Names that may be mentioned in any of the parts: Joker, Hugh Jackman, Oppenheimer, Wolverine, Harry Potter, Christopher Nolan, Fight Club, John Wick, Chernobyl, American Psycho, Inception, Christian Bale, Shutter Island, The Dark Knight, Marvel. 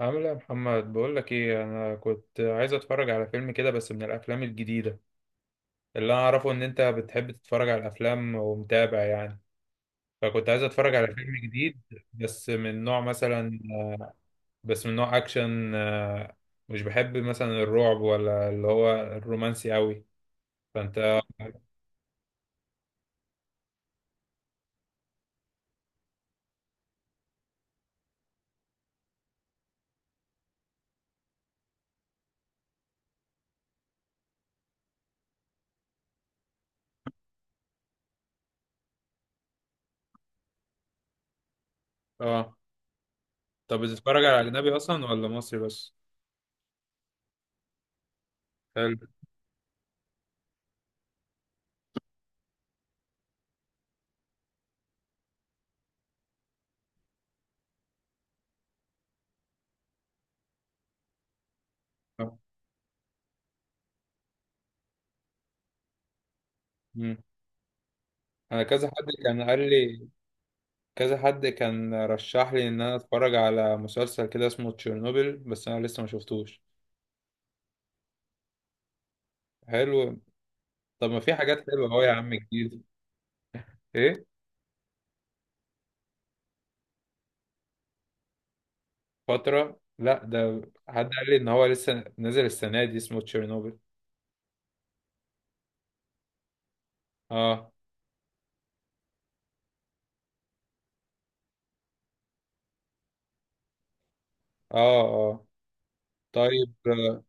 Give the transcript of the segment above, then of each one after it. عامل ايه يا محمد؟ بقول لك ايه، انا كنت عايز اتفرج على فيلم كده، بس من الافلام الجديده. اللي انا اعرفه ان انت بتحب تتفرج على الافلام ومتابع يعني. فكنت عايز اتفرج على فيلم جديد، بس من نوع مثلا بس من نوع اكشن، مش بحب مثلا الرعب، ولا اللي هو الرومانسي قوي. فانت اه طب بتتفرج على اجنبي اصلا، ولا مصري بس؟ حلو. آه. مم. انا كذا حد كان قال لي كذا حد كان رشح لي ان انا اتفرج على مسلسل كده اسمه تشيرنوبل، بس انا لسه ما شفتوش. حلو. طب ما في حاجات حلوه اهو يا عم، جديد؟ ايه؟ فتره؟ لا، ده حد قال لي ان هو لسه نازل السنه دي، اسمه تشيرنوبل. اه، اه، اه. طيب.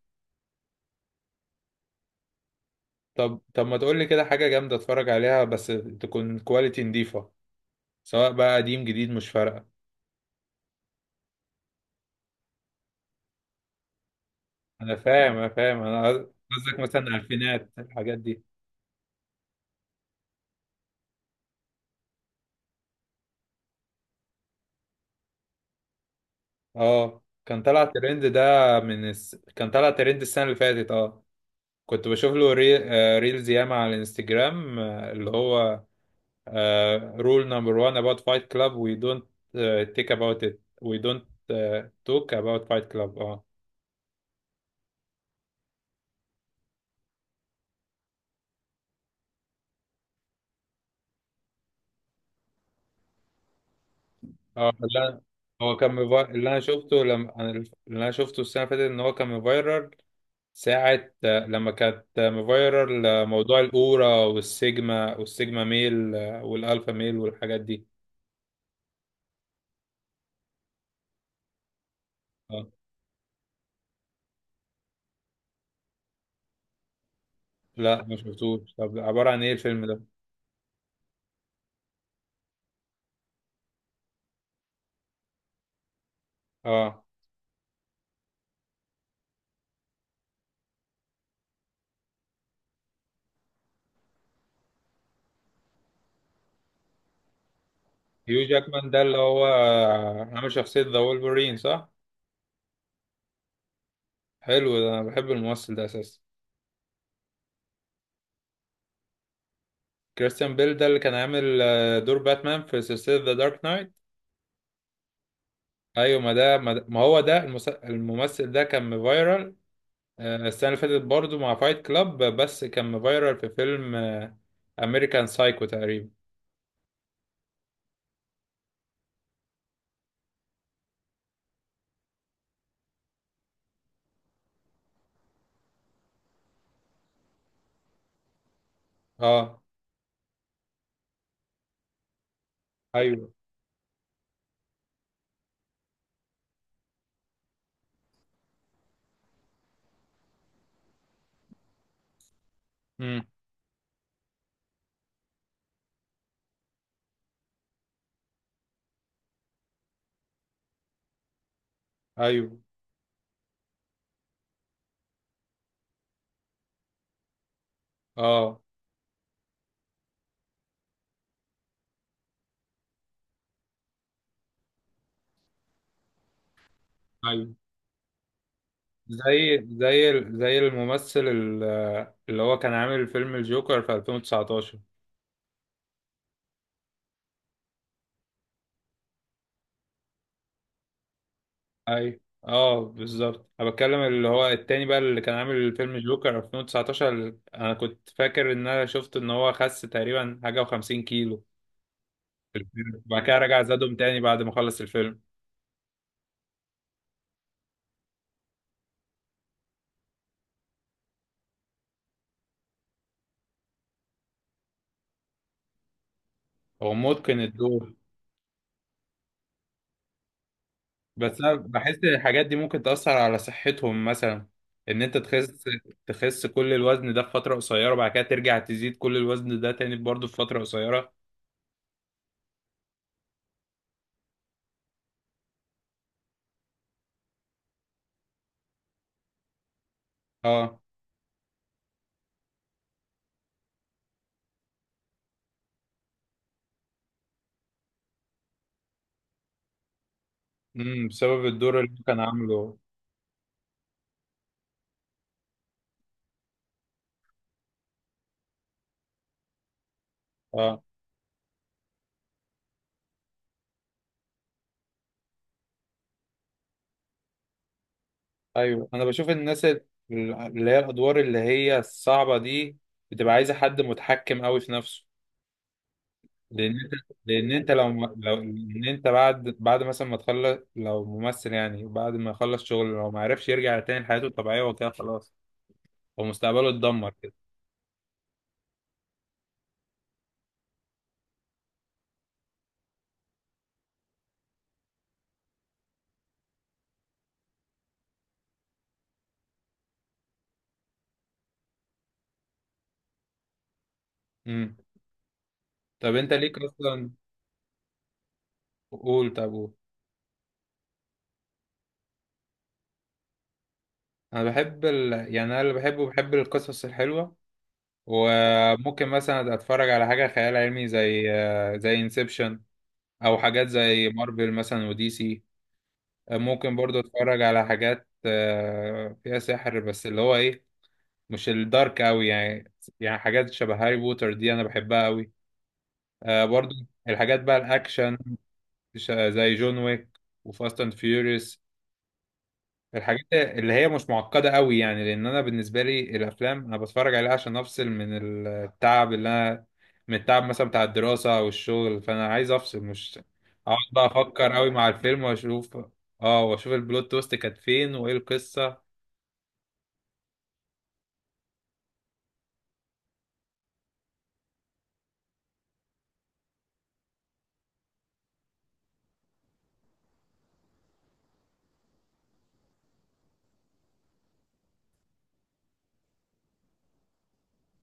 طب ما تقول لي كده حاجه جامده اتفرج عليها، بس تكون كواليتي نضيفه، سواء بقى قديم جديد، مش فارقه. انا فاهم، انا قصدك مثلا الفينات، الحاجات دي. اه، كان طلع ترند ده. كان طلع ترند السنة اللي فاتت. اه. كنت بشوف له ري... آه، ريلز ياما على الانستجرام، اللي هو رول نمبر 1 about fight club, we don't، take about it, we don't، talk about fight club. اه اه. اللي أنا- هو كان مفا... اللي انا شفته السنة اللي فاتت ان هو كان مفايرل ساعة، لما كانت مفايرل، موضوع الأورا والسيجما والسيجما ميل، والألفا ميل والحاجات دي. اه. لا، ما شفتوش. طب عبارة عن ايه الفيلم ده؟ اه، هيو جاكمان ده اللي هو عامل شخصية ذا وولفرين، صح؟ حلو، ده انا بحب الممثل ده اساسا. كريستيان بيل ده اللي كان عامل دور باتمان في سلسلة ذا دارك نايت. ايوه، ما ده ما ده- ما هو ده المس- الممثل ده كان فايرال السنة اللي فاتت برضه مع فايت كلاب، بس كان فايرال في فيلم امريكان سايكو تقريبا. اه، ايوه، امم ايوه، اه، ايوه، زي اللي هو كان عامل فيلم الجوكر في 2019. اي، اه، بالظبط. انا بتكلم اللي هو التاني بقى، اللي كان عامل فيلم جوكر 2019، اللي انا كنت فاكر ان انا شفت ان هو خس تقريبا حاجه و50 كيلو في الفيلم، وبعد كده رجع زادهم تاني بعد ما خلص الفيلم. هو متقن الدور. بس انا بحس ان الحاجات دي ممكن تأثر على صحتهم مثلا، ان انت تخس كل الوزن ده في فترة قصيرة، وبعد كده ترجع تزيد كل الوزن ده تاني برضه في فترة قصيرة. اه، بسبب الدور اللي هو كان عامله. اه، ايوه. انا بشوف الناس اللي هي الادوار اللي هي الصعبة دي بتبقى عايزة حد متحكم قوي في نفسه. لان انت لان انت لو ان انت بعد مثلا ما تخلص، لو ممثل يعني بعد ما يخلص شغل، لو ما عرفش يرجع تاني لحياته الطبيعية وكده خلاص، ومستقبله اتدمر كده. امم. طب انت ليك اصلا؟ قول، طب قول. يعني انا اللي بحبه بحب القصص الحلوه، وممكن مثلا اتفرج على حاجه خيال علمي، زي انسبشن، او حاجات زي مارفل مثلا ودي سي. ممكن برضو اتفرج على حاجات فيها سحر، بس اللي هو ايه، مش الدارك قوي يعني. يعني حاجات شبه هاري بوتر دي انا بحبها قوي، برضو. الحاجات بقى الاكشن، زي جون ويك وفاست اند فيوريوس. الحاجات اللي هي مش معقدة قوي يعني، لأن أنا بالنسبة لي الأفلام أنا بتفرج عليها عشان أفصل من التعب اللي أنا من التعب مثلا بتاع الدراسة أو الشغل، فأنا عايز أفصل، مش أقعد بقى أفكر قوي مع الفيلم وأشوف. أه، وأشوف البلوت تويست كانت فين وإيه القصة.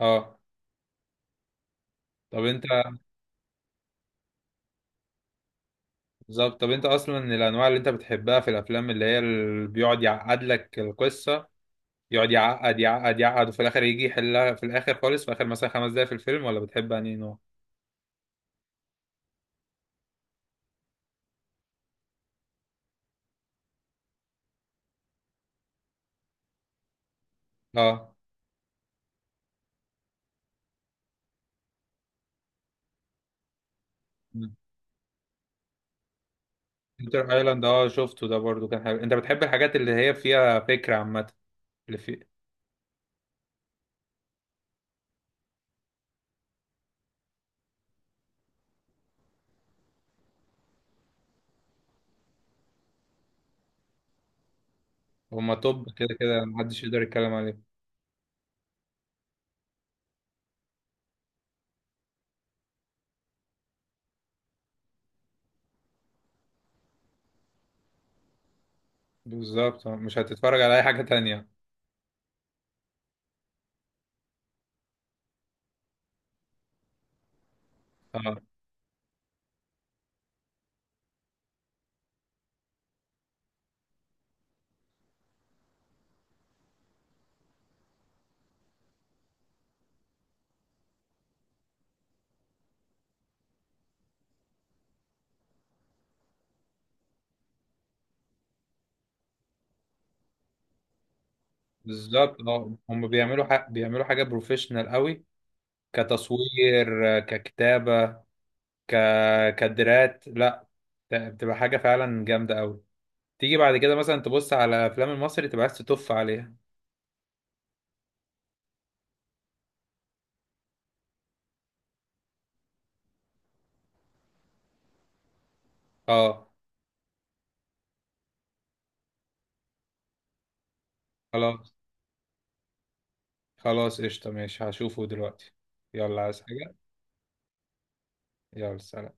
أه، طب أنت. بالظبط، طب أنت أصلا من الأنواع اللي أنت بتحبها في الأفلام، اللي هي اللي بيقعد يعقد لك القصة، يقعد يعقد يعقد يعقد وفي الآخر يجي يحلها، في الآخر خالص، في آخر مثلا 5 دقايق في الفيلم، ولا بتحب أنهي نوع؟ أه، شاتر ايلاند، اه شفته ده برضو، كان حلو. انت بتحب الحاجات اللي هي فيها فكرة عامة. اللي في هما توب كده كده، محدش يقدر يتكلم عليه. بالظبط، مش هتتفرج على اي حاجة تانية. اه، بالظبط، اه، هما بيعملوا حاجة بروفيشنال قوي، كتصوير، ككتابة، ك... كادرات. لا، بتبقى حاجة فعلا جامدة قوي. تيجي بعد كده مثلا تبص على افلام المصري، تبقى عايز تتف عليها. اه، خلاص. خلاص، قشطة ماشي، هشوفه دلوقتي. يلا، عايز حاجة؟ يلا سلام.